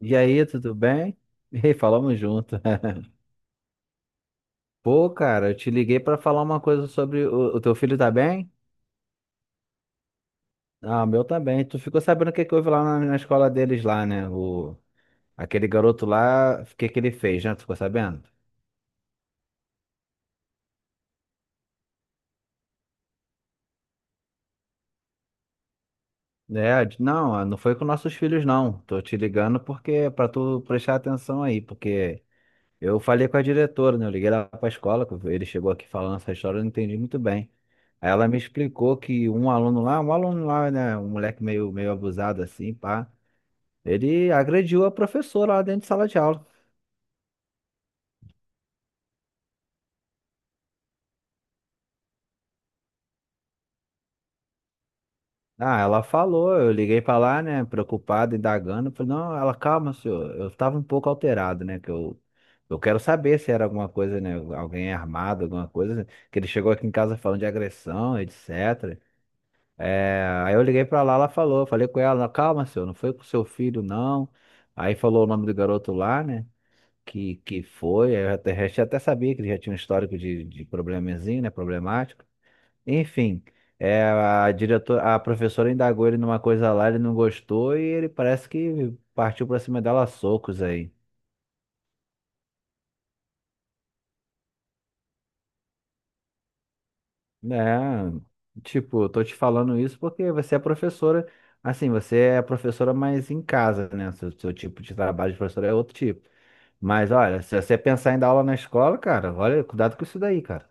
E aí, tudo bem? E aí, falamos junto. Pô, cara, eu te liguei pra falar uma coisa sobre o teu filho, tá bem? Ah, o meu tá bem. Tu ficou sabendo o que que houve lá na escola deles lá, né? O, aquele garoto lá, o que que ele fez, né? Tu ficou sabendo? É, não, ah, não foi com nossos filhos, não. Tô te ligando porque pra tu prestar atenção aí, porque eu falei com a diretora, né? Eu liguei lá para a escola, que ele chegou aqui falando essa história, eu não entendi muito bem. Aí ela me explicou que um aluno lá, né? Um moleque meio abusado assim, pá. Ele agrediu a professora lá dentro de sala de aula. Ah, ela falou, eu liguei pra lá, né? Preocupado, indagando. Falei, não, ela, calma, senhor. Eu tava um pouco alterado, né? Eu quero saber se era alguma coisa, né? Alguém armado, alguma coisa. Que ele chegou aqui em casa falando de agressão, etc. É, aí eu liguei pra lá, ela falou, falei com ela, calma, senhor, não foi com seu filho, não. Aí falou o nome do garoto lá, né? Que foi, aí eu até, já até sabia que ele já tinha um histórico de probleminzinho, né? Problemático. Enfim, a diretora, a professora indagou ele numa coisa lá, ele não gostou e ele parece que partiu pra cima dela a socos aí. É, tipo, eu tô te falando isso porque você é professora, assim, você é professora, mas em casa, né? Seu tipo de trabalho de professora é outro tipo. Mas olha, se você pensar em dar aula na escola, cara, olha, cuidado com isso daí, cara.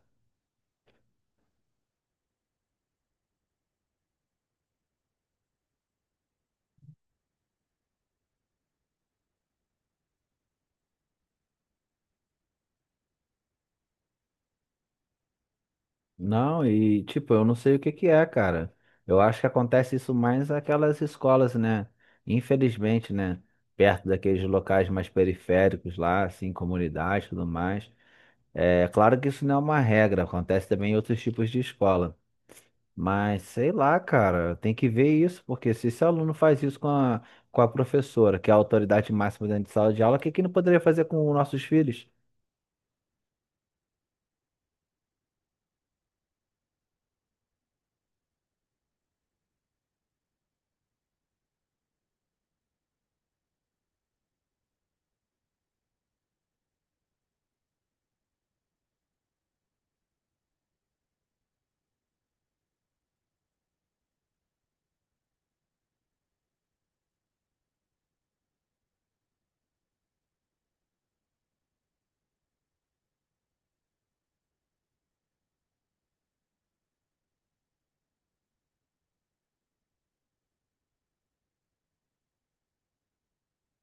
Não, e tipo, eu não sei o que que é, cara. Eu acho que acontece isso mais naquelas escolas, né? Infelizmente, né? Perto daqueles locais mais periféricos lá, assim, comunidades e tudo mais. É claro que isso não é uma regra, acontece também em outros tipos de escola. Mas sei lá, cara, tem que ver isso, porque se esse aluno faz isso com a professora, que é a autoridade máxima dentro de sala de aula, o que que não poderia fazer com os nossos filhos?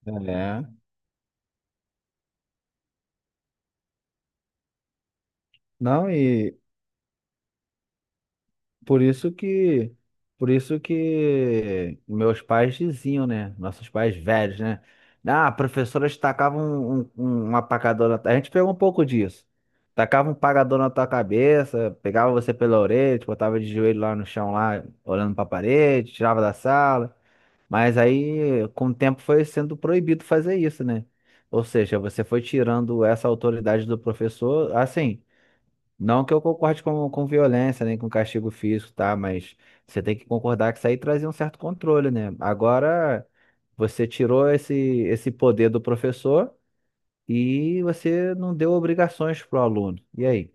É. Não, e por isso que por isso que meus pais diziam, né? Nossos pais velhos, né? Ah, a professora tacava uma pacadona na tua-" A gente pegou um pouco disso. Tacava um pagador na tua cabeça, pegava você pela orelha, te botava de joelho lá no chão, lá, olhando pra parede, tirava da sala. Mas aí, com o tempo, foi sendo proibido fazer isso, né? Ou seja, você foi tirando essa autoridade do professor, assim. Não que eu concorde com violência, nem com castigo físico, tá? Mas você tem que concordar que isso aí trazia um certo controle, né? Agora, você tirou esse poder do professor e você não deu obrigações pro aluno. E aí?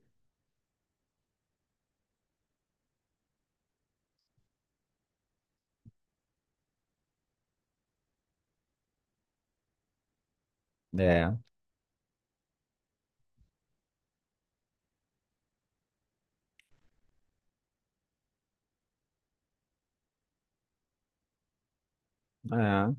É, é.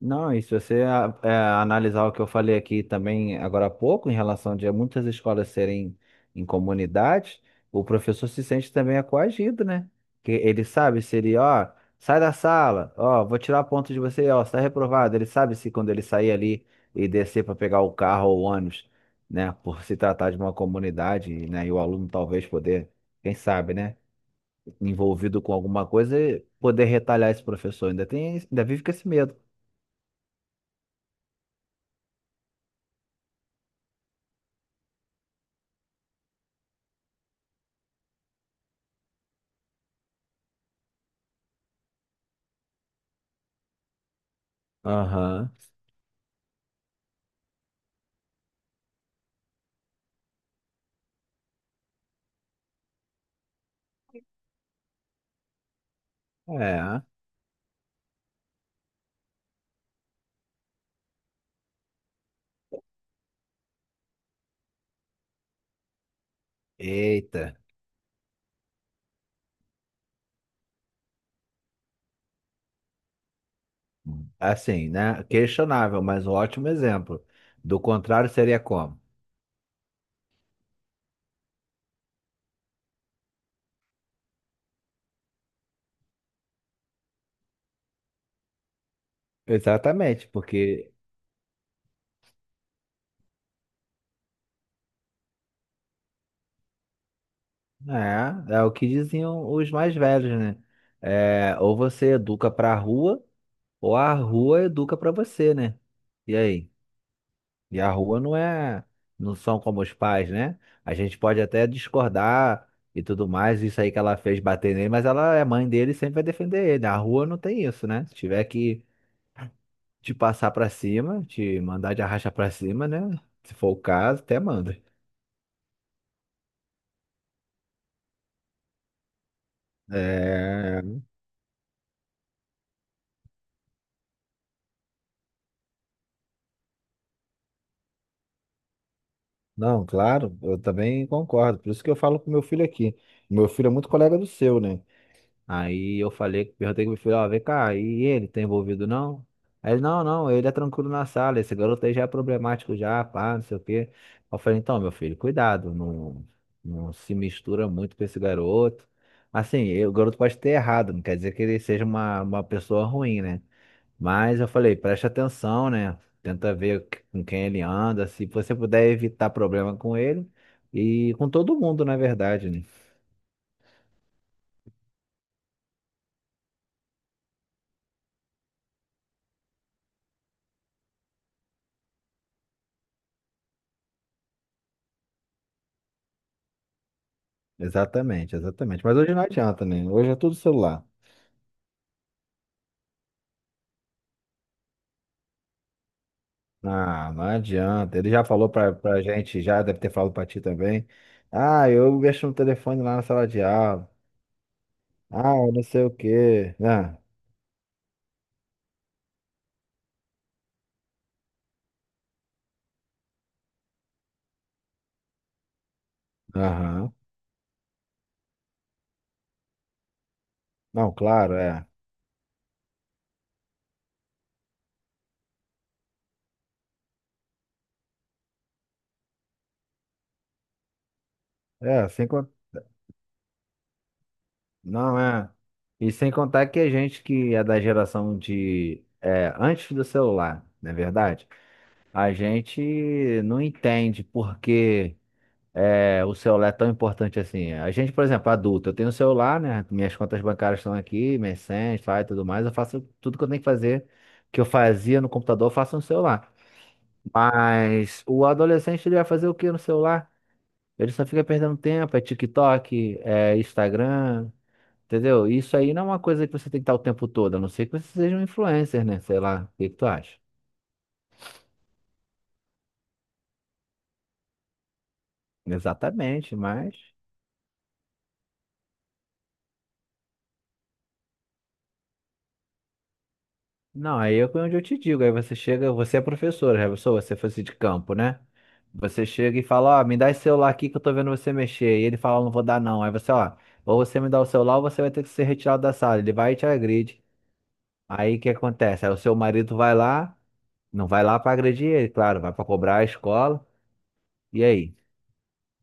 Não, e se você é, analisar o que eu falei aqui também agora há pouco, em relação de muitas escolas serem em comunidades, o professor se sente também é coagido, né? Que ele sabe se ele, ó, sai da sala, ó, vou tirar ponto de você, ó, está reprovado. Ele sabe se quando ele sair ali e descer para pegar o carro ou o ônibus, né, por se tratar de uma comunidade, né, e o aluno talvez poder, quem sabe, né, envolvido com alguma coisa, poder retalhar esse professor. Ainda tem, ainda vive com esse medo. Aham. É, eita. Assim, né? Questionável, mas um ótimo exemplo. Do contrário, seria como? Exatamente, porque é, é o que diziam os mais velhos, né? É, ou você educa pra rua, ou a rua educa pra você, né? E aí? E a rua não é, não são como os pais, né? A gente pode até discordar e tudo mais, isso aí que ela fez bater nele, mas ela é mãe dele e sempre vai defender ele. A rua não tem isso, né? Se tiver que te passar pra cima, te mandar de arracha pra cima, né? Se for o caso, até manda. É, não, claro, eu também concordo. Por isso que eu falo com meu filho aqui. Meu filho é muito colega do seu, né? Aí eu falei, perguntei com meu filho, ó, vem cá, e ele tá envolvido não? Aí ele, não, não, ele é tranquilo na sala, esse garoto aí já é problemático já, pá, não sei o quê. Eu falei, então, meu filho, cuidado, não, não se mistura muito com esse garoto. Assim, o garoto pode ter errado, não quer dizer que ele seja uma pessoa ruim, né? Mas eu falei, preste atenção, né? Tenta ver com quem ele anda, se você puder evitar problema com ele e com todo mundo, na verdade, né? Exatamente, exatamente. Mas hoje não adianta, né? Hoje é tudo celular. Ah, não adianta. Ele já falou pra gente, já deve ter falado pra ti também. Ah, eu mexo no telefone lá na sala de aula. Ah, eu não sei o quê. Ah, aham. Não, claro, é. É, assim. Não é. E sem contar que a gente que é da geração de é, antes do celular, não é verdade? A gente não entende por que é, o celular é tão importante assim. A gente, por exemplo, adulto, eu tenho um celular, né? Minhas contas bancárias estão aqui, minhas senhas, faz tudo mais. Eu faço tudo que eu tenho que fazer, que eu fazia no computador, eu faço no celular. Mas o adolescente ele vai fazer o que no celular? Ele só fica perdendo tempo, é TikTok, é Instagram. Entendeu? Isso aí não é uma coisa que você tem que estar o tempo todo, a não ser que você seja um influencer, né? Sei lá, o que que tu acha? Exatamente, mas. Não, aí é onde eu te digo. Aí você chega, você é professora, já pensou? Você fosse de campo, né? Você chega e fala, ó, me dá esse celular aqui que eu tô vendo você mexer. E ele fala, não vou dar não. Aí você, ó, ou você me dá o celular ou você vai ter que ser retirado da sala. Ele vai e te agride. Aí o que acontece? Aí o seu marido vai lá, não vai lá pra agredir ele, claro, vai pra cobrar a escola. E aí?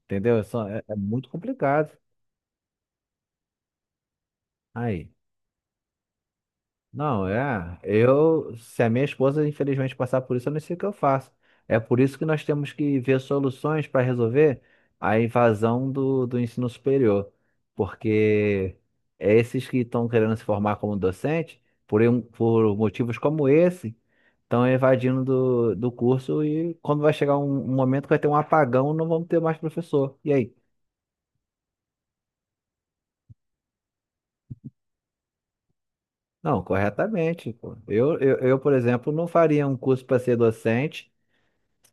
Entendeu? É, é muito complicado. Aí. Não, é. Eu, se a minha esposa infelizmente passar por isso, eu não sei o que eu faço. É por isso que nós temos que ver soluções para resolver a invasão do ensino superior. Porque é esses que estão querendo se formar como docente, por motivos como esse, estão evadindo do curso e quando vai chegar um momento que vai ter um apagão, não vamos ter mais professor. E aí? Não, corretamente. Pô. Eu, por exemplo, não faria um curso para ser docente.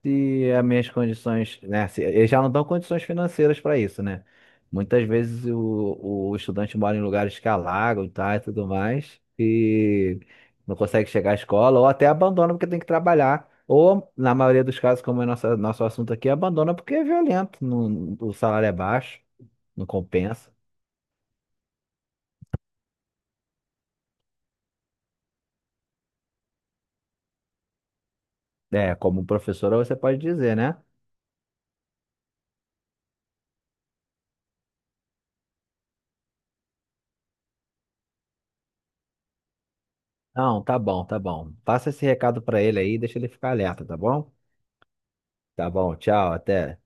Se as minhas condições, né? Eles já não dão condições financeiras para isso, né? Muitas vezes o estudante mora em lugares que alagam, tá, e tudo mais, e não consegue chegar à escola, ou até abandona porque tem que trabalhar. Ou, na maioria dos casos, como é nosso assunto aqui, abandona porque é violento, o salário é baixo, não compensa. É, como professora você pode dizer, né? Não, tá bom, tá bom. Passa esse recado para ele aí, deixa ele ficar alerta, tá bom? Tá bom, tchau, até.